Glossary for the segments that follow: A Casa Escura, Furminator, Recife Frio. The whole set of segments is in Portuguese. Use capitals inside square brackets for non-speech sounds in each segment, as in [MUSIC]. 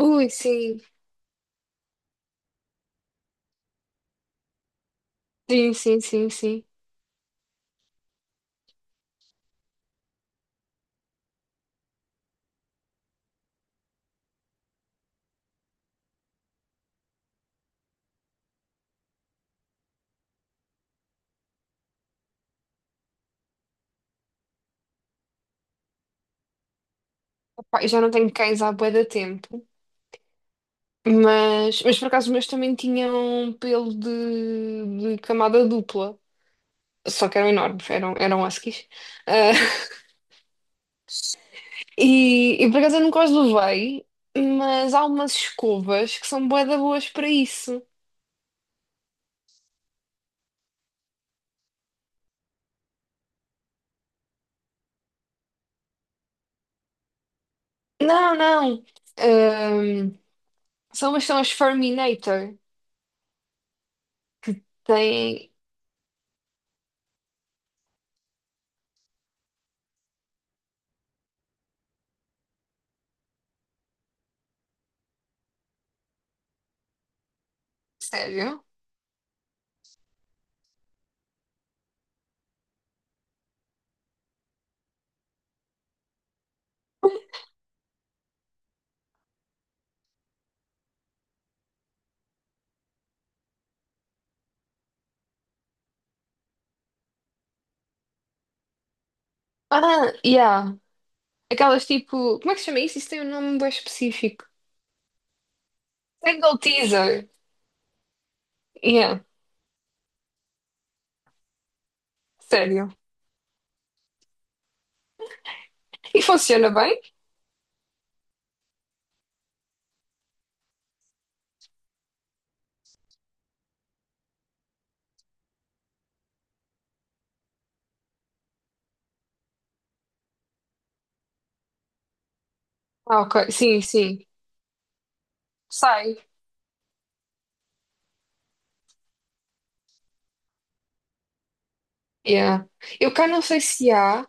Ui, sim. Sim, sim, sim, sim. Epá, eu já não tenho cães há bué de tempo. Mas por acaso os meus também tinham pelo de camada dupla. Só que eram enormes, eram huskies. Ah, [LAUGHS] e por acaso eu nunca os levei, mas há umas escovas que são bué de boas para isso. Não, não. Ahm, são umas são as Furminator. Tem. Sério? Ah, yeah. Aquelas tipo. Como é que se chama isso? Isso tem um nome bem específico. Single teaser. Yeah, sério. E funciona bem? Ah, ok. Sim, sim. Sai. Yeah. Eu cá não sei se há,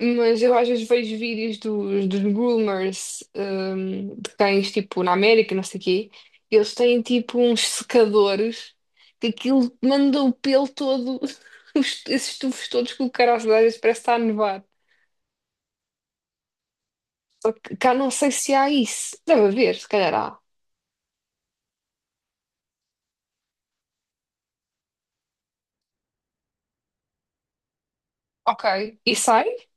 mas eu às vezes vejo vídeos dos groomers, de cães, tipo, na América, não sei o quê. Eles têm, tipo, uns secadores que aquilo manda o pelo todo, [LAUGHS] esses tufos todos que o cara às vezes parece estar a nevar. Cá não sei se há isso. Deve haver, se calhar há. Ok. E sai?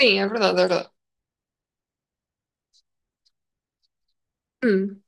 Sim, é verdade, é verdade. Hum,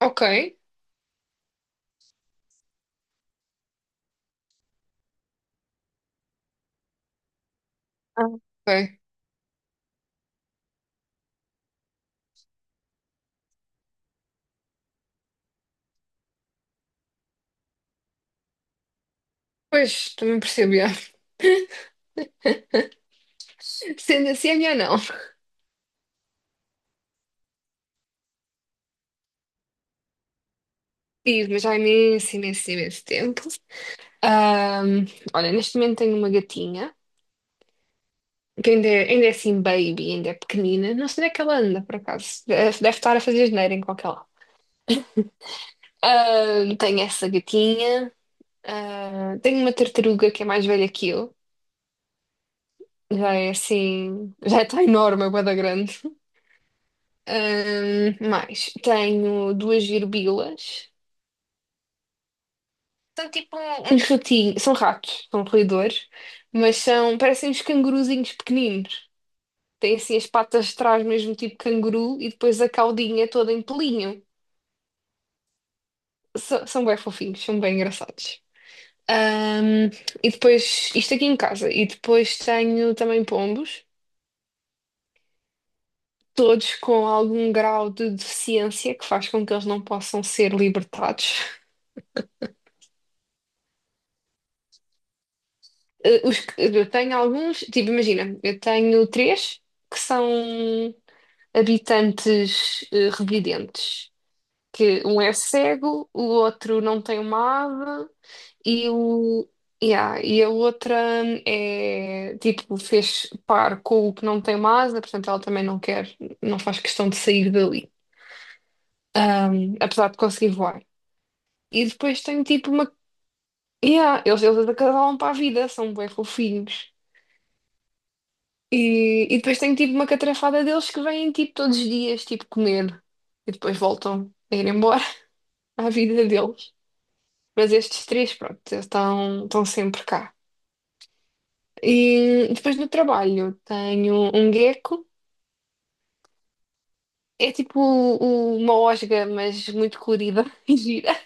ok. Ah, ok. Pois, também percebo, já. [LAUGHS] Sendo assim, é melhor não. Tive, mas há imenso, imenso, imenso tempo. Ahm, olha, neste momento tenho uma gatinha, que ainda é assim baby, ainda é pequenina. Não sei onde é que ela anda, por acaso. Deve, deve estar a fazer asneira em qualquer lado. Tenho essa gatinha. Ah, tenho uma tartaruga que é mais velha que eu. Já é assim, já está enorme, é bué da grande. Mais, tenho duas girbilas. São tipo uns ratinhos, são ratos, são roedores, mas são, parecem uns canguruzinhos pequeninos. Têm assim as patas de trás, mesmo tipo canguru, e depois a caudinha toda em pelinho. São, são bem fofinhos, são bem engraçados. Ahm, e depois, isto aqui em casa, e depois tenho também pombos, todos com algum grau de deficiência que faz com que eles não possam ser libertados. Eh, eu tenho alguns, tipo, imagina, eu tenho três que são. Habitantes revidentes, que um é cego, o outro não tem uma ave e o yeah, e a outra é tipo fez par com o que não tem uma asa, portanto ela também não quer, não faz questão de sair dali, apesar de conseguir voar. E depois tem tipo uma yeah, eles acasalam para a vida, são bem fofinhos. E depois tem tipo uma catrafada deles que vêm tipo todos os dias tipo comer e depois voltam a ir embora [LAUGHS] à vida deles. Mas estes três, pronto, estão, estão sempre cá. E depois no trabalho tenho um gecko. É uma osga, mas muito colorida [LAUGHS] e gira.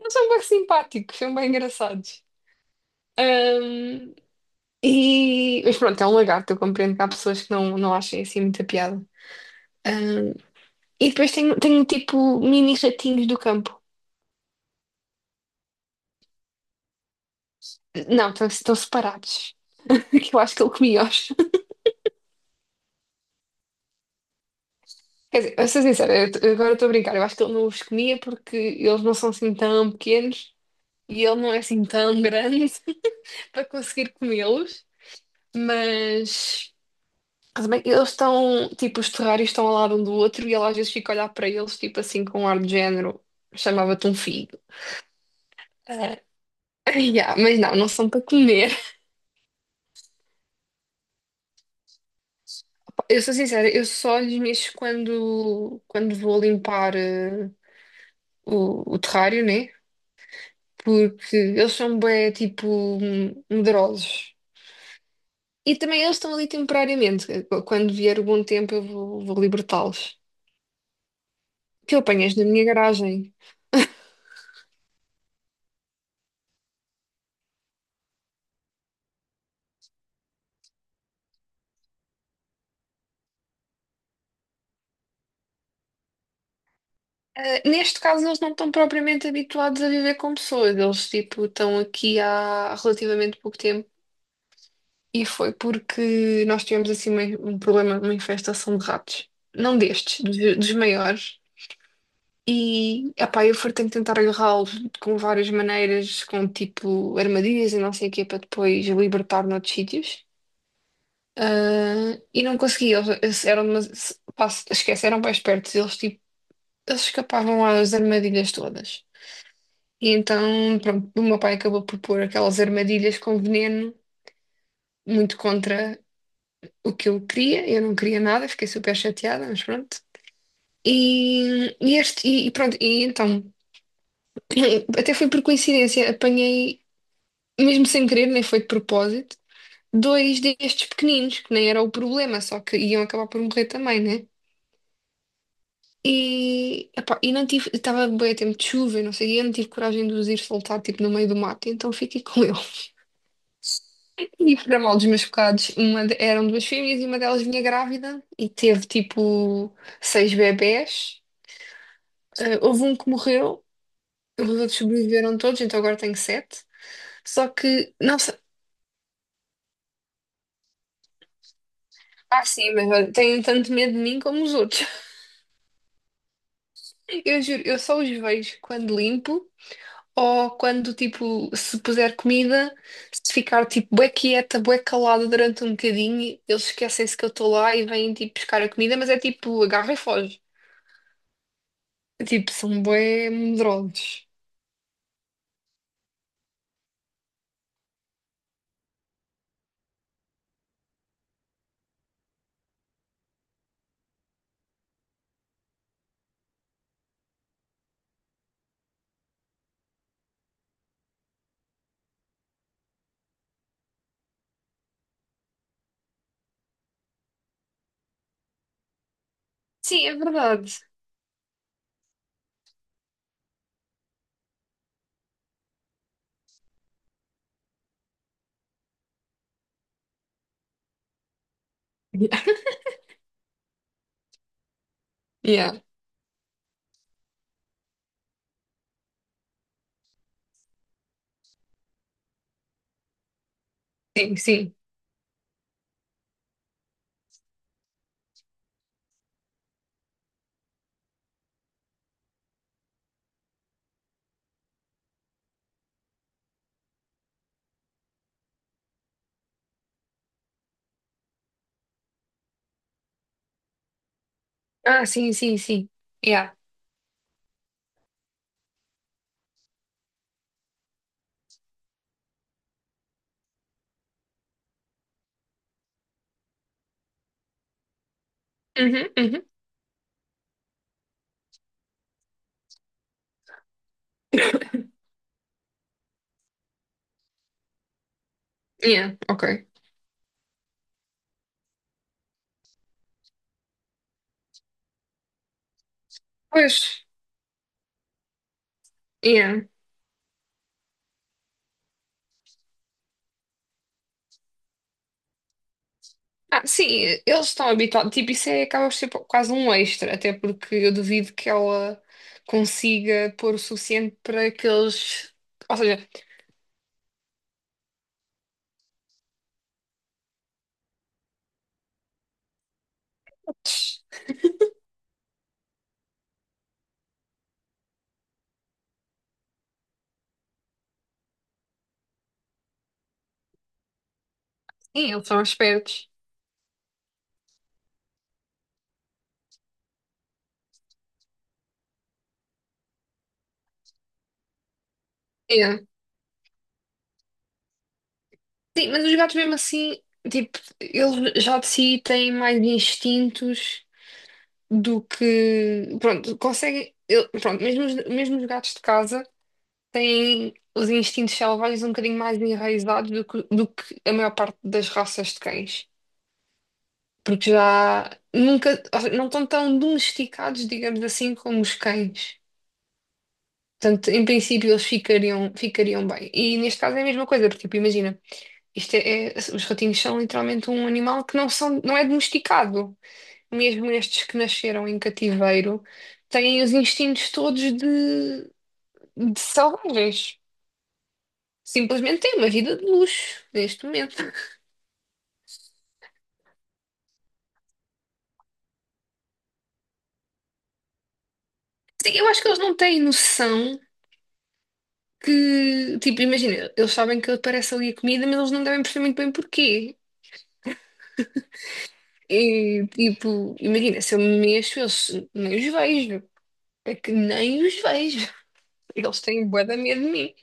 Eles são bem simpáticos, são bem engraçados. Ahm, e... Mas pronto, é um lagarto. Eu compreendo que há pessoas que não, não achem assim muita piada. Ahm, e depois tenho, tenho tipo mini ratinhos do campo. Não, estão, estão separados. [LAUGHS] Que eu acho que ele comia-os. Quer dizer, a ser sincera, agora estou a brincar. Eu acho que ele não os comia porque eles não são assim tão pequenos e ele não é assim tão grande [LAUGHS] para conseguir comê-los. Mas também eles estão, tipo, os terrários estão ao lado um do outro e ele às vezes fica a olhar para eles, tipo assim, com um ar de género, chamava-te um filho. Ah, [LAUGHS] yeah, mas não, não são para comer. Eu sou sincera, eu só lhes mexo quando vou limpar o terrário, né? Porque eles são bem, tipo, medrosos. E também eles estão ali temporariamente. Quando vier o bom tempo, eu vou libertá-los. Que eu apanhas na minha garagem. Ah, neste caso, eles não estão propriamente habituados a viver com pessoas. Eles, tipo, estão aqui há relativamente pouco tempo. E foi porque nós tivemos, assim, um problema, uma infestação de ratos. Não destes, dos maiores. E, epá, eu for tenho que tentar agarrá-lo com várias maneiras, com tipo armadilhas e não sei o quê, para depois libertar noutros sítios. Ah, e não consegui, eles eram, pá, esquece, eram bem espertos, eles tipo, eles escapavam às armadilhas todas. E então, pronto, o meu pai acabou por pôr aquelas armadilhas com veneno, muito contra o que eu queria, eu não queria nada, fiquei super chateada, mas pronto. E este, e pronto, e então, [CLEARS THROAT] até foi por coincidência, apanhei mesmo sem querer, nem foi de propósito, dois destes pequeninos, que nem era o problema, só que iam acabar por morrer também, né? E, epá, e não tive, estava bem a tempo de chuva, e não sei, e eu não tive coragem de os ir soltar, tipo, no meio do mato, então fiquei com ele. [LAUGHS] E para mal dos meus bocados, eram duas fêmeas e uma delas vinha grávida e teve, tipo, seis bebés. Eh, houve um que morreu, os outros sobreviveram todos, então agora tenho sete. Só que, não sei, ah, sim, mas olha, têm tanto medo de mim como os outros. Eu juro, eu só os vejo quando limpo ou quando, tipo, se puser comida, se ficar, tipo, bué quieta, bué calada durante um bocadinho, eles esquecem-se que eu estou lá e vêm, tipo, buscar a comida, mas é tipo, agarra e foge. É, tipo, são bué medrosos. Sim, é verdade. [LAUGHS] Yeah. Yeah. Sim, sim. Ah, sim, sim, sim. Yeah. Uhum, uhum. Yeah, ok. Pois, yeah. Ah, sim, eles estão habituados. Tipo, isso é, acaba por ser quase um extra, até porque eu duvido que ela consiga pôr o suficiente para que eles. Ou seja, sim, eles são espertos. É. Sim, mas os gatos, mesmo assim, tipo, eles já de si têm mais instintos do que. Pronto, conseguem. Pronto, mesmo os gatos de casa têm os instintos selvagens um bocadinho mais enraizados do que a maior parte das raças de cães. Porque já nunca, não estão tão domesticados, digamos assim, como os cães. Portanto, em princípio, eles ficariam, ficariam bem. E neste caso é a mesma coisa, porque, tipo, imagina, isto é, os ratinhos são literalmente um animal que não são, não é domesticado. Mesmo estes que nasceram em cativeiro, têm os instintos todos de selvagens. Simplesmente têm uma vida de luxo neste momento. Sim, eu acho que eles não têm noção. Que, tipo, imagina, eles sabem que aparece ali a comida, mas eles não devem perceber muito bem porquê. E, tipo, imagina, se eu me mexo, eu se- nem os vejo. É que nem os vejo. [LAUGHS] Eles têm bué de medo de mim.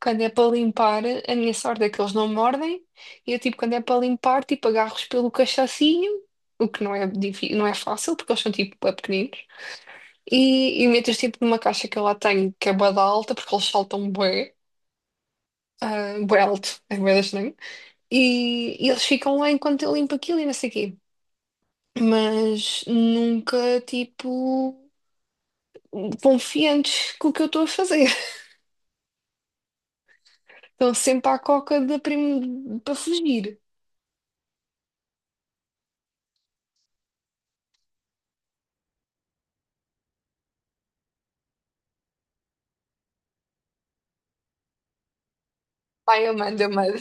Quando é para limpar, a minha sorte é que eles não mordem. E eu, tipo, quando é para limpar, tipo, agarro-os pelo cachacinho, o que não é, não é fácil, porque eles são, tipo, bué pequeninos. E meto-os, tipo, numa caixa que eu lá tenho, que é bué da alta, porque eles saltam bué, ah, bué alto, é bué da. E eles ficam lá enquanto eu limpo aquilo e não sei o quê. Mas nunca, tipo, confiantes com o que eu estou a fazer. [LAUGHS] Estão sempre à coca da prim... para fugir. Pai, Amanda, Amanda.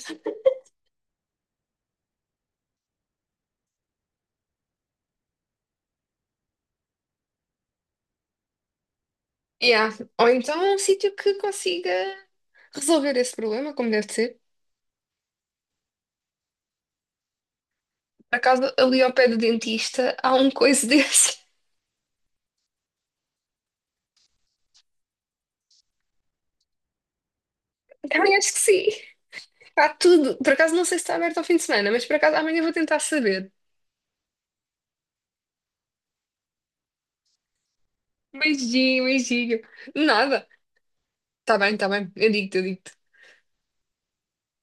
Yeah. Ou então um sítio que consiga resolver esse problema, como deve ser. Por acaso, ali ao pé do dentista, há um coisa desse. [LAUGHS] Também acho que sim. Está tudo. Por acaso, não sei se está aberto ao fim de semana, mas por acaso, amanhã vou tentar saber. Beijinho, beijinho. Nada. Tá bem, tá bem. Eu digo-te, eu digo-te.